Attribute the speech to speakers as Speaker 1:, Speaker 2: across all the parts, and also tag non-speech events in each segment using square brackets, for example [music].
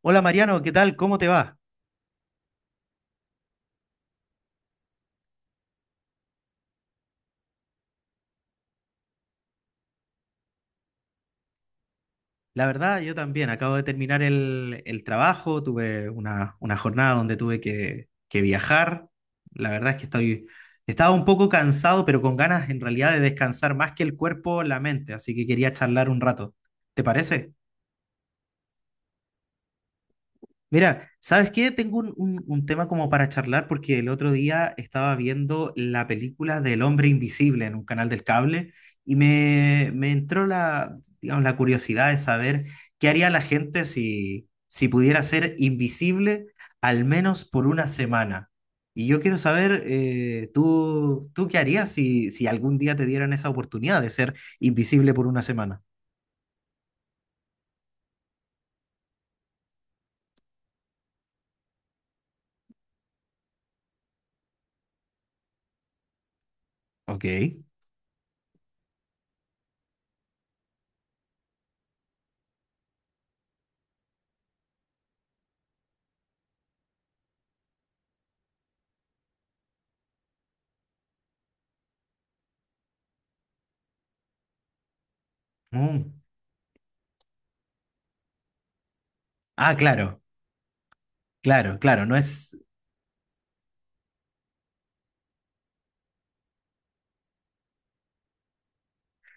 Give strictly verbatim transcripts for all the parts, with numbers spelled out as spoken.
Speaker 1: Hola Mariano, ¿qué tal? ¿Cómo te va? La verdad, yo también. Acabo de terminar el, el trabajo, tuve una, una jornada donde tuve que, que viajar. La verdad es que estoy, estaba un poco cansado, pero con ganas en realidad de descansar más que el cuerpo, la mente, así que quería charlar un rato. ¿Te parece? Mira, ¿sabes qué? Tengo un, un- un tema como para charlar porque el otro día estaba viendo la película del Hombre Invisible en un canal del cable y me, me entró la, digamos, la curiosidad de saber qué haría la gente si, si pudiera ser invisible al menos por una semana. Y yo quiero saber, eh, ¿tú, tú qué harías si, si algún día te dieran esa oportunidad de ser invisible por una semana? Ok. Mm. Ah, claro, claro, claro. No es,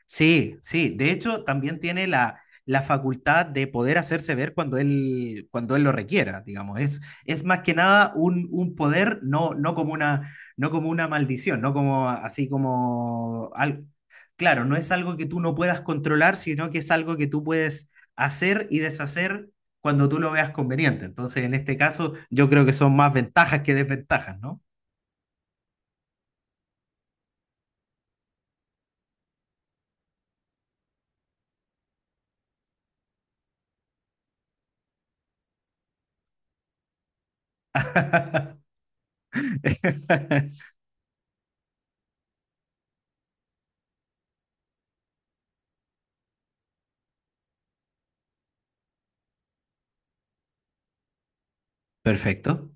Speaker 1: sí, sí. De hecho, también tiene la, la facultad de poder hacerse ver cuando él, cuando él lo requiera, digamos. Es, es más que nada un, un poder, no, no como una, no como una maldición, no como así como... al- Claro, no es algo que tú no puedas controlar, sino que es algo que tú puedes hacer y deshacer cuando tú lo veas conveniente. Entonces, en este caso, yo creo que son más ventajas que desventajas, ¿no? [laughs] Perfecto.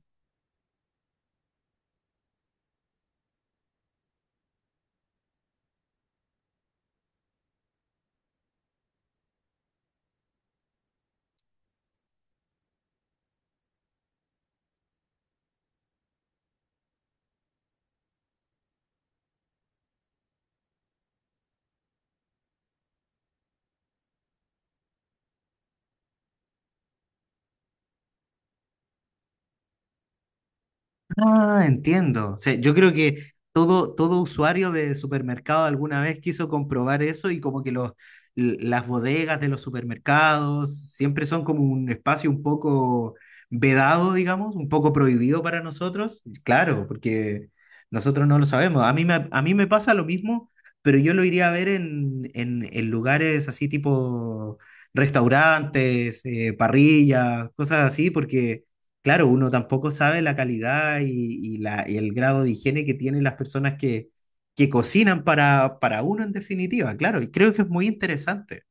Speaker 1: Ah, entiendo. O sea, yo creo que todo, todo usuario de supermercado alguna vez quiso comprobar eso y como que los, l- las bodegas de los supermercados siempre son como un espacio un poco vedado, digamos, un poco prohibido para nosotros. Claro, porque nosotros no lo sabemos. A mí me, a mí me pasa lo mismo, pero yo lo iría a ver en, en, en lugares así tipo restaurantes, eh, parrillas, cosas así, porque claro, uno tampoco sabe la calidad y, y la, y el grado de higiene que tienen las personas que, que cocinan para, para uno en definitiva, claro, y creo que es muy interesante.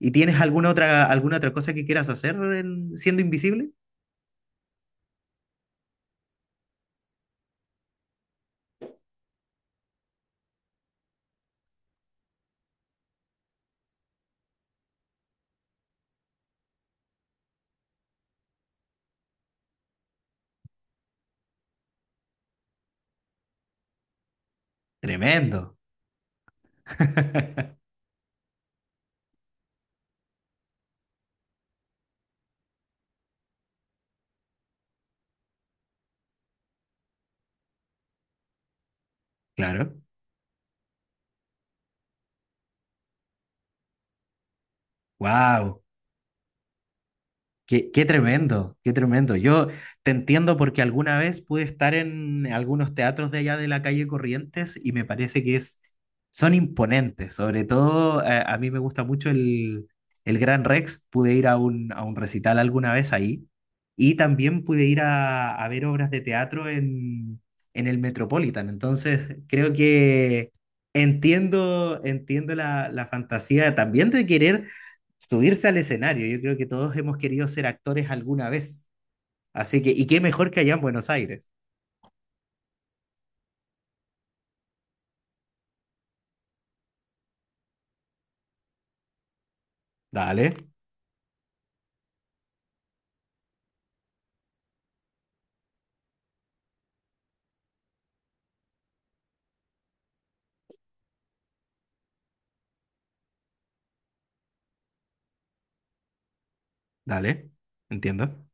Speaker 1: ¿Y tienes alguna otra, alguna otra cosa que quieras hacer en- siendo invisible? Tremendo, [laughs] claro. Wow. Qué, qué tremendo, qué tremendo. Yo te entiendo porque alguna vez pude estar en algunos teatros de allá de la calle Corrientes y me parece que es, son imponentes. Sobre todo, eh, a mí me gusta mucho el, el Gran Rex. Pude ir a un, a un recital alguna vez ahí y también pude ir a, a ver obras de teatro en, en el Metropolitan. Entonces, creo que entiendo, entiendo la, la fantasía también de querer subirse al escenario. Yo creo que todos hemos querido ser actores alguna vez. Así que, y qué mejor que allá en Buenos Aires. Dale, dale, entiendo.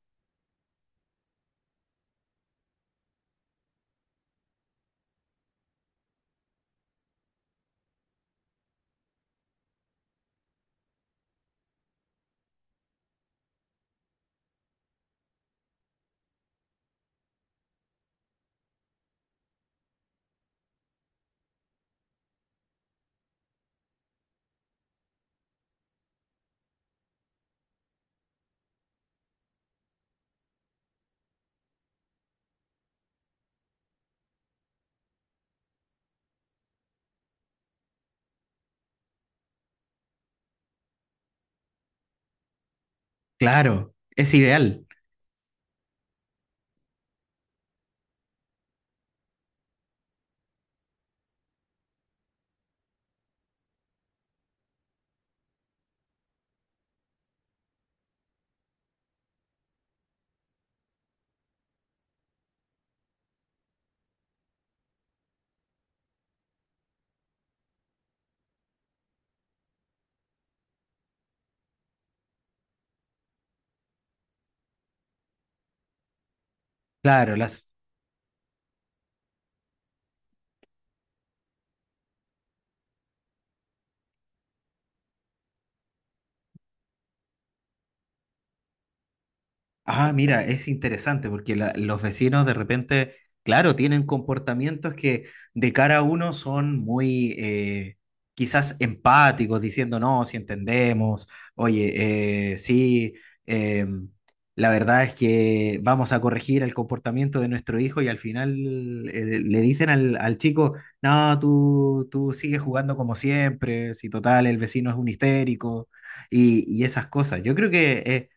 Speaker 1: Claro, es ideal. Claro, las, ah, mira, es interesante porque la- los vecinos de repente, claro, tienen comportamientos que de cara a uno son muy eh, quizás empáticos, diciendo, no, si entendemos, oye, eh, sí, eh, la verdad es que vamos a corregir el comportamiento de nuestro hijo y al final eh, le dicen al, al chico, no, tú, tú sigues jugando como siempre, si total, el vecino es un histérico y, y esas cosas. Yo creo que... eh,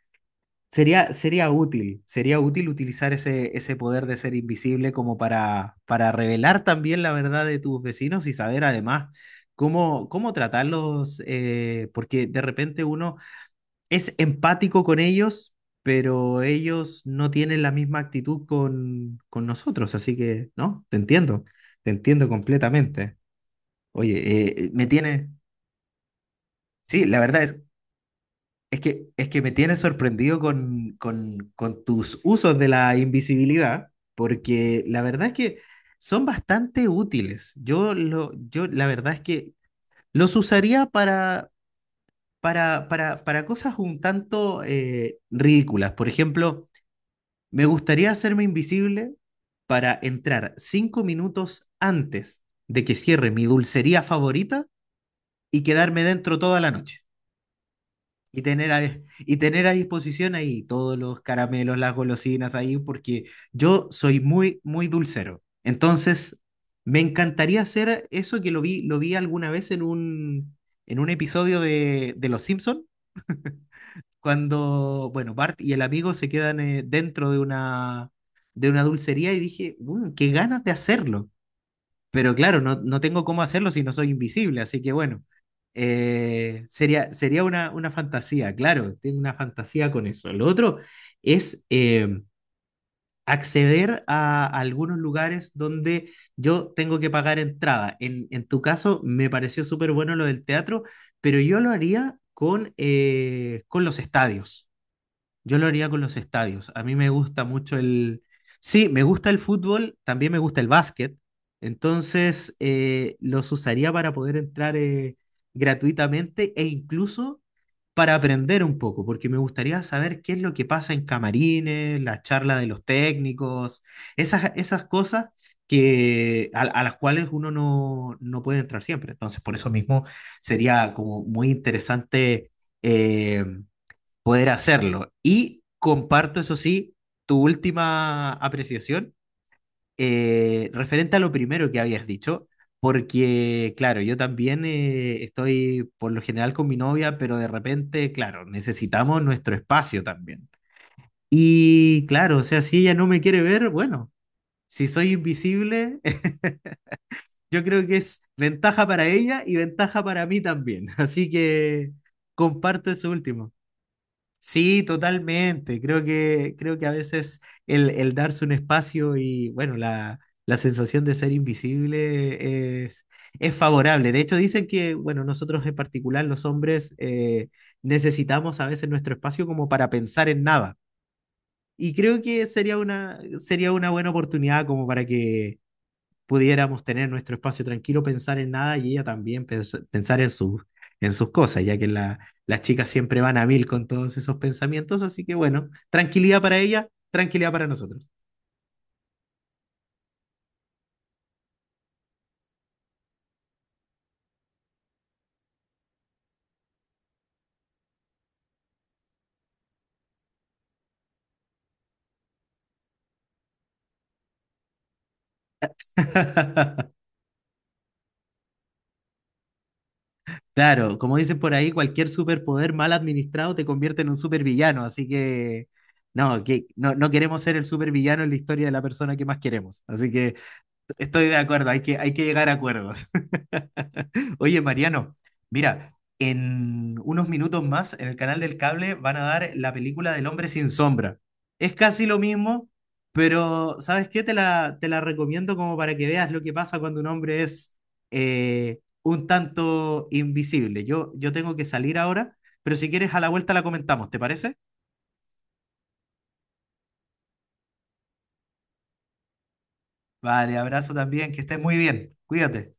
Speaker 1: sería, sería útil, sería útil utilizar ese, ese poder de ser invisible como para, para revelar también la verdad de tus vecinos y saber además cómo, cómo tratarlos, eh, porque de repente uno es empático con ellos, pero ellos no tienen la misma actitud con, con nosotros, así que, ¿no? Te entiendo, te entiendo completamente. Oye, eh, me tiene, sí, la verdad es, Es que, es que me tienes sorprendido con, con, con tus usos de la invisibilidad, porque la verdad es que son bastante útiles. Yo, lo, yo la verdad es que los usaría para, para, para, para cosas un tanto eh, ridículas. Por ejemplo, me gustaría hacerme invisible para entrar cinco minutos antes de que cierre mi dulcería favorita y quedarme dentro toda la noche. Y tener a, y tener a disposición ahí todos los caramelos, las golosinas ahí, porque yo soy muy, muy dulcero. Entonces, me encantaría hacer eso que lo vi, lo vi alguna vez en un, en un episodio de, de Los Simpson, cuando, bueno, Bart y el amigo se quedan eh, dentro de una, de una dulcería y dije, "Mm, qué ganas de hacerlo. Pero claro, no, no tengo cómo hacerlo si no soy invisible, así que bueno, eh, sería, sería una, una fantasía, claro, tengo una fantasía con eso. Lo otro es eh, acceder a, algunos lugares donde yo tengo que pagar entrada. En, en tu caso, me pareció súper bueno lo del teatro, pero yo lo haría con, eh, con los estadios. Yo lo haría con los estadios. A mí me gusta mucho el... Sí, me gusta el fútbol, también me gusta el básquet. Entonces, eh, los usaría para poder entrar eh, gratuitamente e incluso para aprender un poco, porque me gustaría saber qué es lo que pasa en camarines, la charla de los técnicos, esas, esas cosas que, a, a las cuales uno no, no puede entrar siempre. Entonces, por eso mismo sería como muy interesante. eh, Poder hacerlo. Y comparto, eso sí, tu última apreciación eh, referente a lo primero que habías dicho, porque, claro, yo también eh, estoy por lo general con mi novia, pero de repente, claro, necesitamos nuestro espacio también. Y claro, o sea, si ella no me quiere ver, bueno, si soy invisible, [laughs] yo creo que es ventaja para ella y ventaja para mí también. [laughs] Así que comparto eso último. Sí, totalmente. Creo que, creo que a veces el, el darse un espacio y, bueno, la, la sensación de ser invisible es, es favorable. De hecho, dicen que, bueno, nosotros en particular, los hombres, eh, necesitamos a veces nuestro espacio como para pensar en nada. Y creo que sería una, sería una buena oportunidad como para que pudiéramos tener nuestro espacio tranquilo, pensar en nada y ella también pens pensar en, su, en sus cosas, ya que la, las chicas siempre van a mil con todos esos pensamientos, así que bueno, tranquilidad para ella, tranquilidad para nosotros. [laughs] Claro, como dicen por ahí, cualquier superpoder mal administrado te convierte en un supervillano, así que... No, que no, no queremos ser el supervillano en la historia de la persona que más queremos. Así que estoy de acuerdo, hay que, hay que llegar a acuerdos. [laughs] Oye, Mariano, mira, en unos minutos más en el canal del cable van a dar la película del hombre sin sombra. Es casi lo mismo, pero ¿sabes qué? Te la, te la recomiendo como para que veas lo que pasa cuando un hombre es eh, un tanto invisible. Yo, yo tengo que salir ahora, pero si quieres a la vuelta la comentamos, ¿te parece? Vale, abrazo también, que estés muy bien. Cuídate.